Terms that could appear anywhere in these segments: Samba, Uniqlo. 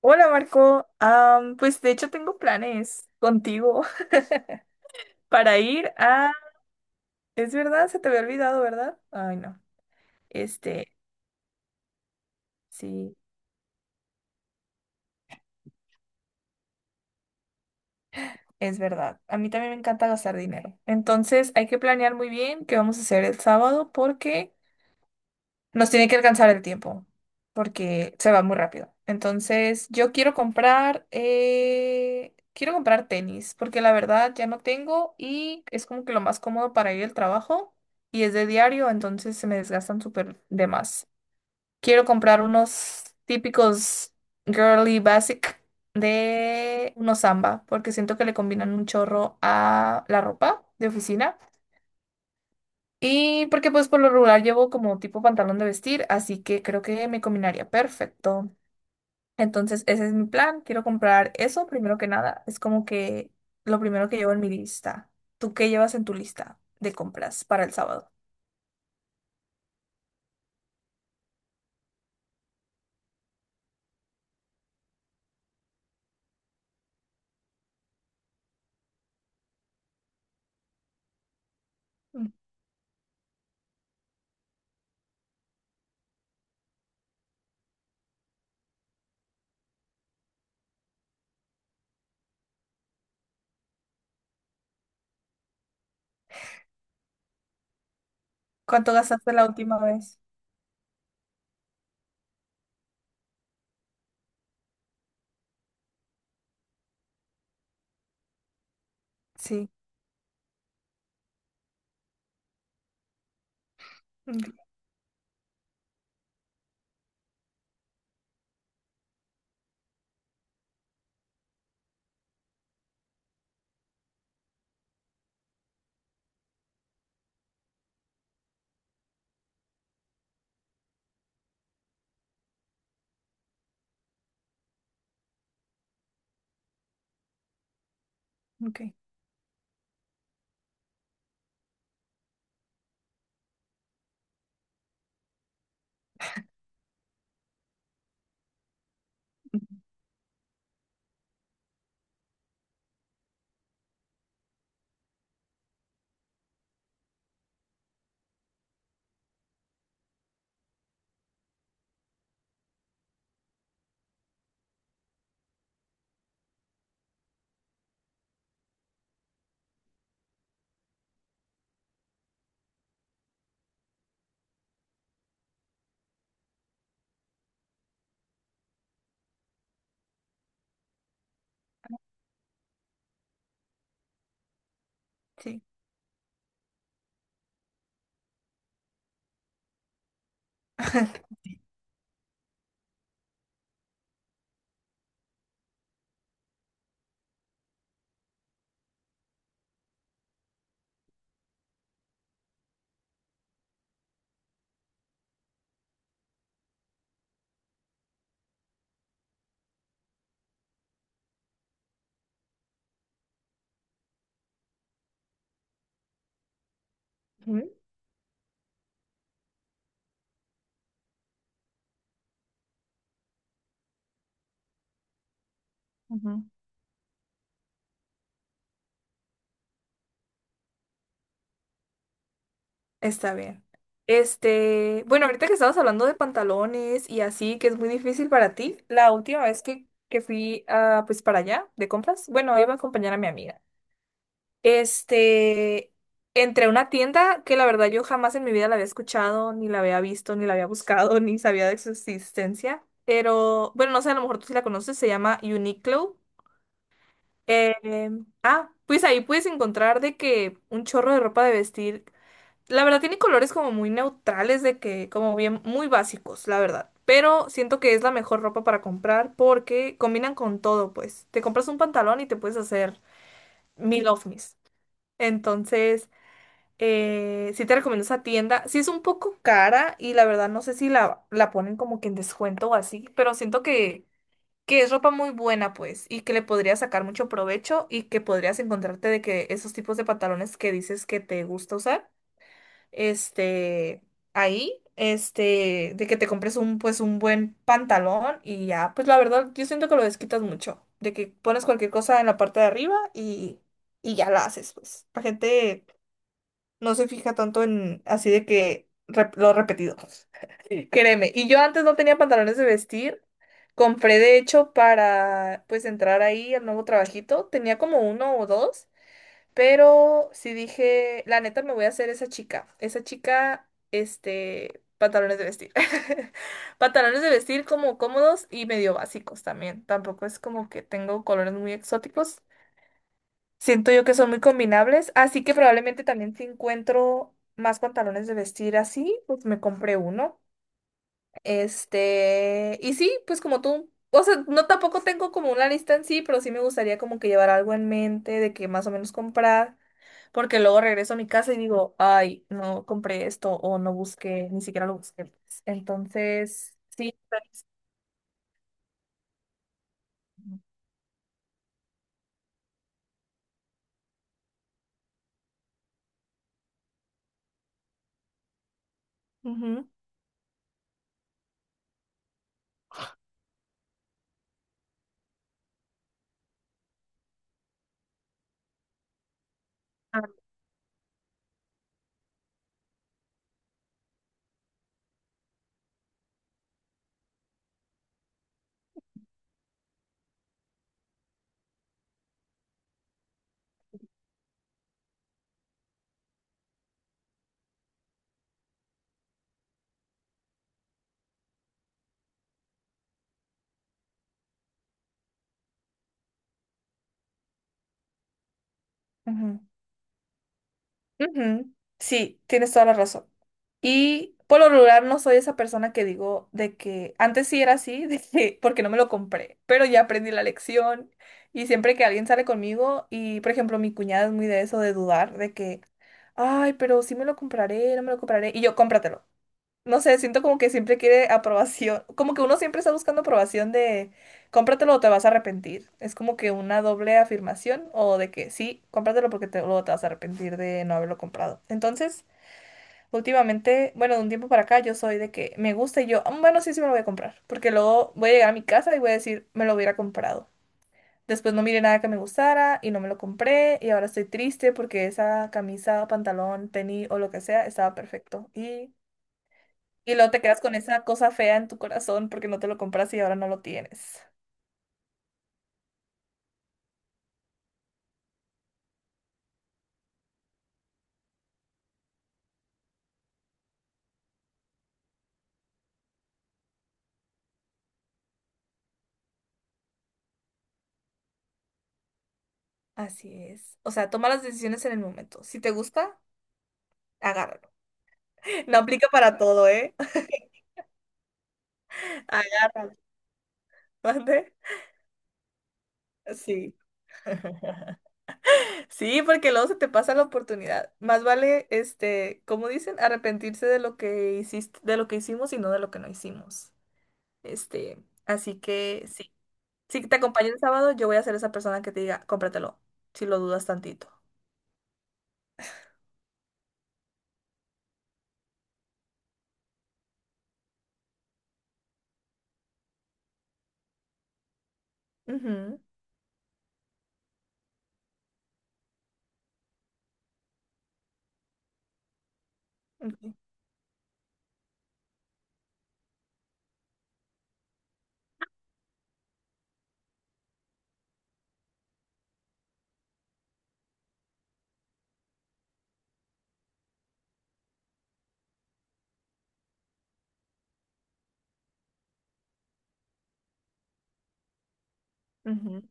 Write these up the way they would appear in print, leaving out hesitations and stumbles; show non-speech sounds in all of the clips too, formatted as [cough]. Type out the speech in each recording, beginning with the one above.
Hola Marco, pues de hecho tengo planes contigo [laughs] para ir a... Es verdad, se te había olvidado, ¿verdad? Ay, no. Este, sí, es verdad. A mí también me encanta gastar dinero. Entonces hay que planear muy bien qué vamos a hacer el sábado porque nos tiene que alcanzar el tiempo porque se va muy rápido. Entonces, yo quiero quiero comprar tenis porque la verdad ya no tengo y es como que lo más cómodo para ir al trabajo y es de diario, entonces se me desgastan súper de más. Quiero comprar unos típicos girly basic de unos Samba porque siento que le combinan un chorro a la ropa de oficina. Y porque pues por lo regular llevo como tipo pantalón de vestir, así que creo que me combinaría perfecto. Entonces, ese es mi plan. Quiero comprar eso primero que nada. Es como que lo primero que llevo en mi lista. ¿Tú qué llevas en tu lista de compras para el sábado? Mm. ¿Cuánto gastaste la última vez? Sí. Mm. Ok. Ujú. Sí. Ujú. Está bien. Bueno, ahorita que estabas hablando de pantalones y así, que es muy difícil para ti, la última vez que fui a, pues para allá de compras, bueno, iba a acompañar a mi amiga. Este, entré a una tienda que la verdad yo jamás en mi vida la había escuchado, ni la había visto, ni la había buscado, [laughs] ni sabía de su existencia. Pero, bueno, no sé, a lo mejor tú sí la conoces, se llama Uniqlo. Eh, pues ahí puedes encontrar de que un chorro de ropa de vestir. La verdad tiene colores como muy neutrales, de que como bien muy básicos, la verdad. Pero siento que es la mejor ropa para comprar porque combinan con todo, pues. Te compras un pantalón y te puedes hacer mil outfits. Entonces, sí te recomiendo esa tienda. Sí es un poco cara y la verdad no sé si la ponen como que en descuento o así, pero siento que es ropa muy buena, pues, y que le podrías sacar mucho provecho y que podrías encontrarte de que esos tipos de pantalones que dices que te gusta usar este, de que te compres un, pues, un buen pantalón y ya, pues la verdad, yo siento que lo desquitas mucho, de que pones cualquier cosa en la parte de arriba y ya la haces, pues. La gente no se fija tanto en así de que lo repetido. Sí. [laughs] Créeme, y yo antes no tenía pantalones de vestir. Compré, de hecho, para pues entrar ahí al nuevo trabajito, tenía como uno o dos, pero sí dije, la neta me voy a hacer esa chica. Esa chica, pantalones de vestir. [laughs] Pantalones de vestir como cómodos y medio básicos también. Tampoco es como que tengo colores muy exóticos. Siento yo que son muy combinables, así que probablemente también si encuentro más pantalones de vestir así, pues me compré uno. Y sí, pues como tú, o sea, no tampoco tengo como una lista en sí, pero sí me gustaría como que llevar algo en mente de que más o menos comprar, porque luego regreso a mi casa y digo, ay, no compré esto o no busqué, ni siquiera lo busqué, pues. Entonces, sí, pues, ujú, ah, ujú. Ujú. Sí, tienes toda la razón. Y por lo regular no soy esa persona que digo de que antes sí era así, [laughs] de que porque no me lo compré, pero ya aprendí la lección, y siempre que alguien sale conmigo y por ejemplo mi cuñada es muy de eso de dudar de que ay, pero sí me lo compraré, no me lo compraré, y yo cómpratelo. No sé, siento como que siempre quiere aprobación, como que uno siempre está buscando aprobación de cómpratelo o te vas a arrepentir. Es como que una doble afirmación o de que sí, cómpratelo porque te, luego te vas a arrepentir de no haberlo comprado. Entonces, últimamente, bueno, de un tiempo para acá yo soy de que me gusta y yo, "Mm, bueno, sí, sí me lo voy a comprar, porque luego voy a llegar a mi casa y voy a decir, me lo hubiera comprado. Después no miré nada que me gustara y no me lo compré y ahora estoy triste porque esa camisa, pantalón, tenis o lo que sea estaba perfecto". Y y luego te quedas con esa cosa fea en tu corazón porque no te lo compras y ahora no lo tienes. Así es. O sea, toma las decisiones en el momento. Si te gusta, agárralo. [laughs] No aplica para todo, ¿eh? [laughs] Agárralo. ¿Mande? Sí. Sí, porque luego se te pasa la oportunidad. Más vale, como dicen, arrepentirse de lo que hiciste, de lo que hicimos y no de lo que no hicimos. Así que sí. Si te acompaño el sábado, yo voy a ser esa persona que te diga, cómpratelo, si lo dudas tantito. Ujú. Ujú. Ujú.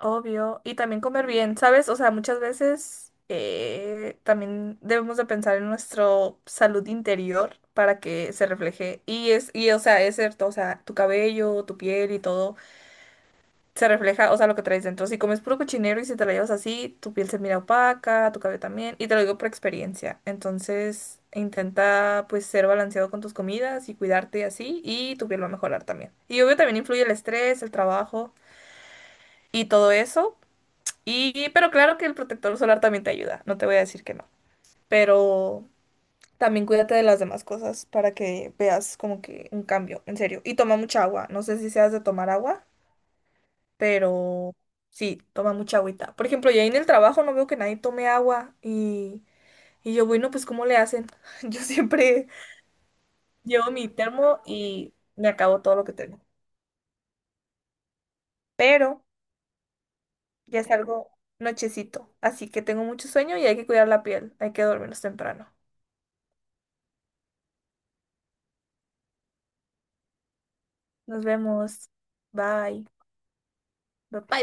Obvio, y también comer bien, ¿sabes? O sea, muchas veces también debemos de pensar en nuestra salud interior para que se refleje. Y es, y o sea, es cierto, o sea, tu cabello, tu piel y todo se refleja, o sea, lo que traes dentro. Si comes puro cochinero y si te la llevas así, tu piel se mira opaca, tu cabello también, y te lo digo por experiencia. Entonces, intenta pues ser balanceado con tus comidas y cuidarte así, y tu piel va a mejorar también. Y obvio también influye el estrés, el trabajo y todo eso. Y, pero claro que el protector solar también te ayuda, no te voy a decir que no. Pero también cuídate de las demás cosas para que veas como que un cambio, en serio. Y toma mucha agua, no sé si seas de tomar agua, pero sí, toma mucha agüita. Por ejemplo, yo ahí en el trabajo no veo que nadie tome agua, y yo, bueno, pues ¿cómo le hacen? [laughs] Yo siempre llevo mi termo y me acabo todo lo que tengo. Pero ya es algo nochecito, así que tengo mucho sueño y hay que cuidar la piel, hay que dormirnos temprano. Nos vemos. Bye. Bye. Bye.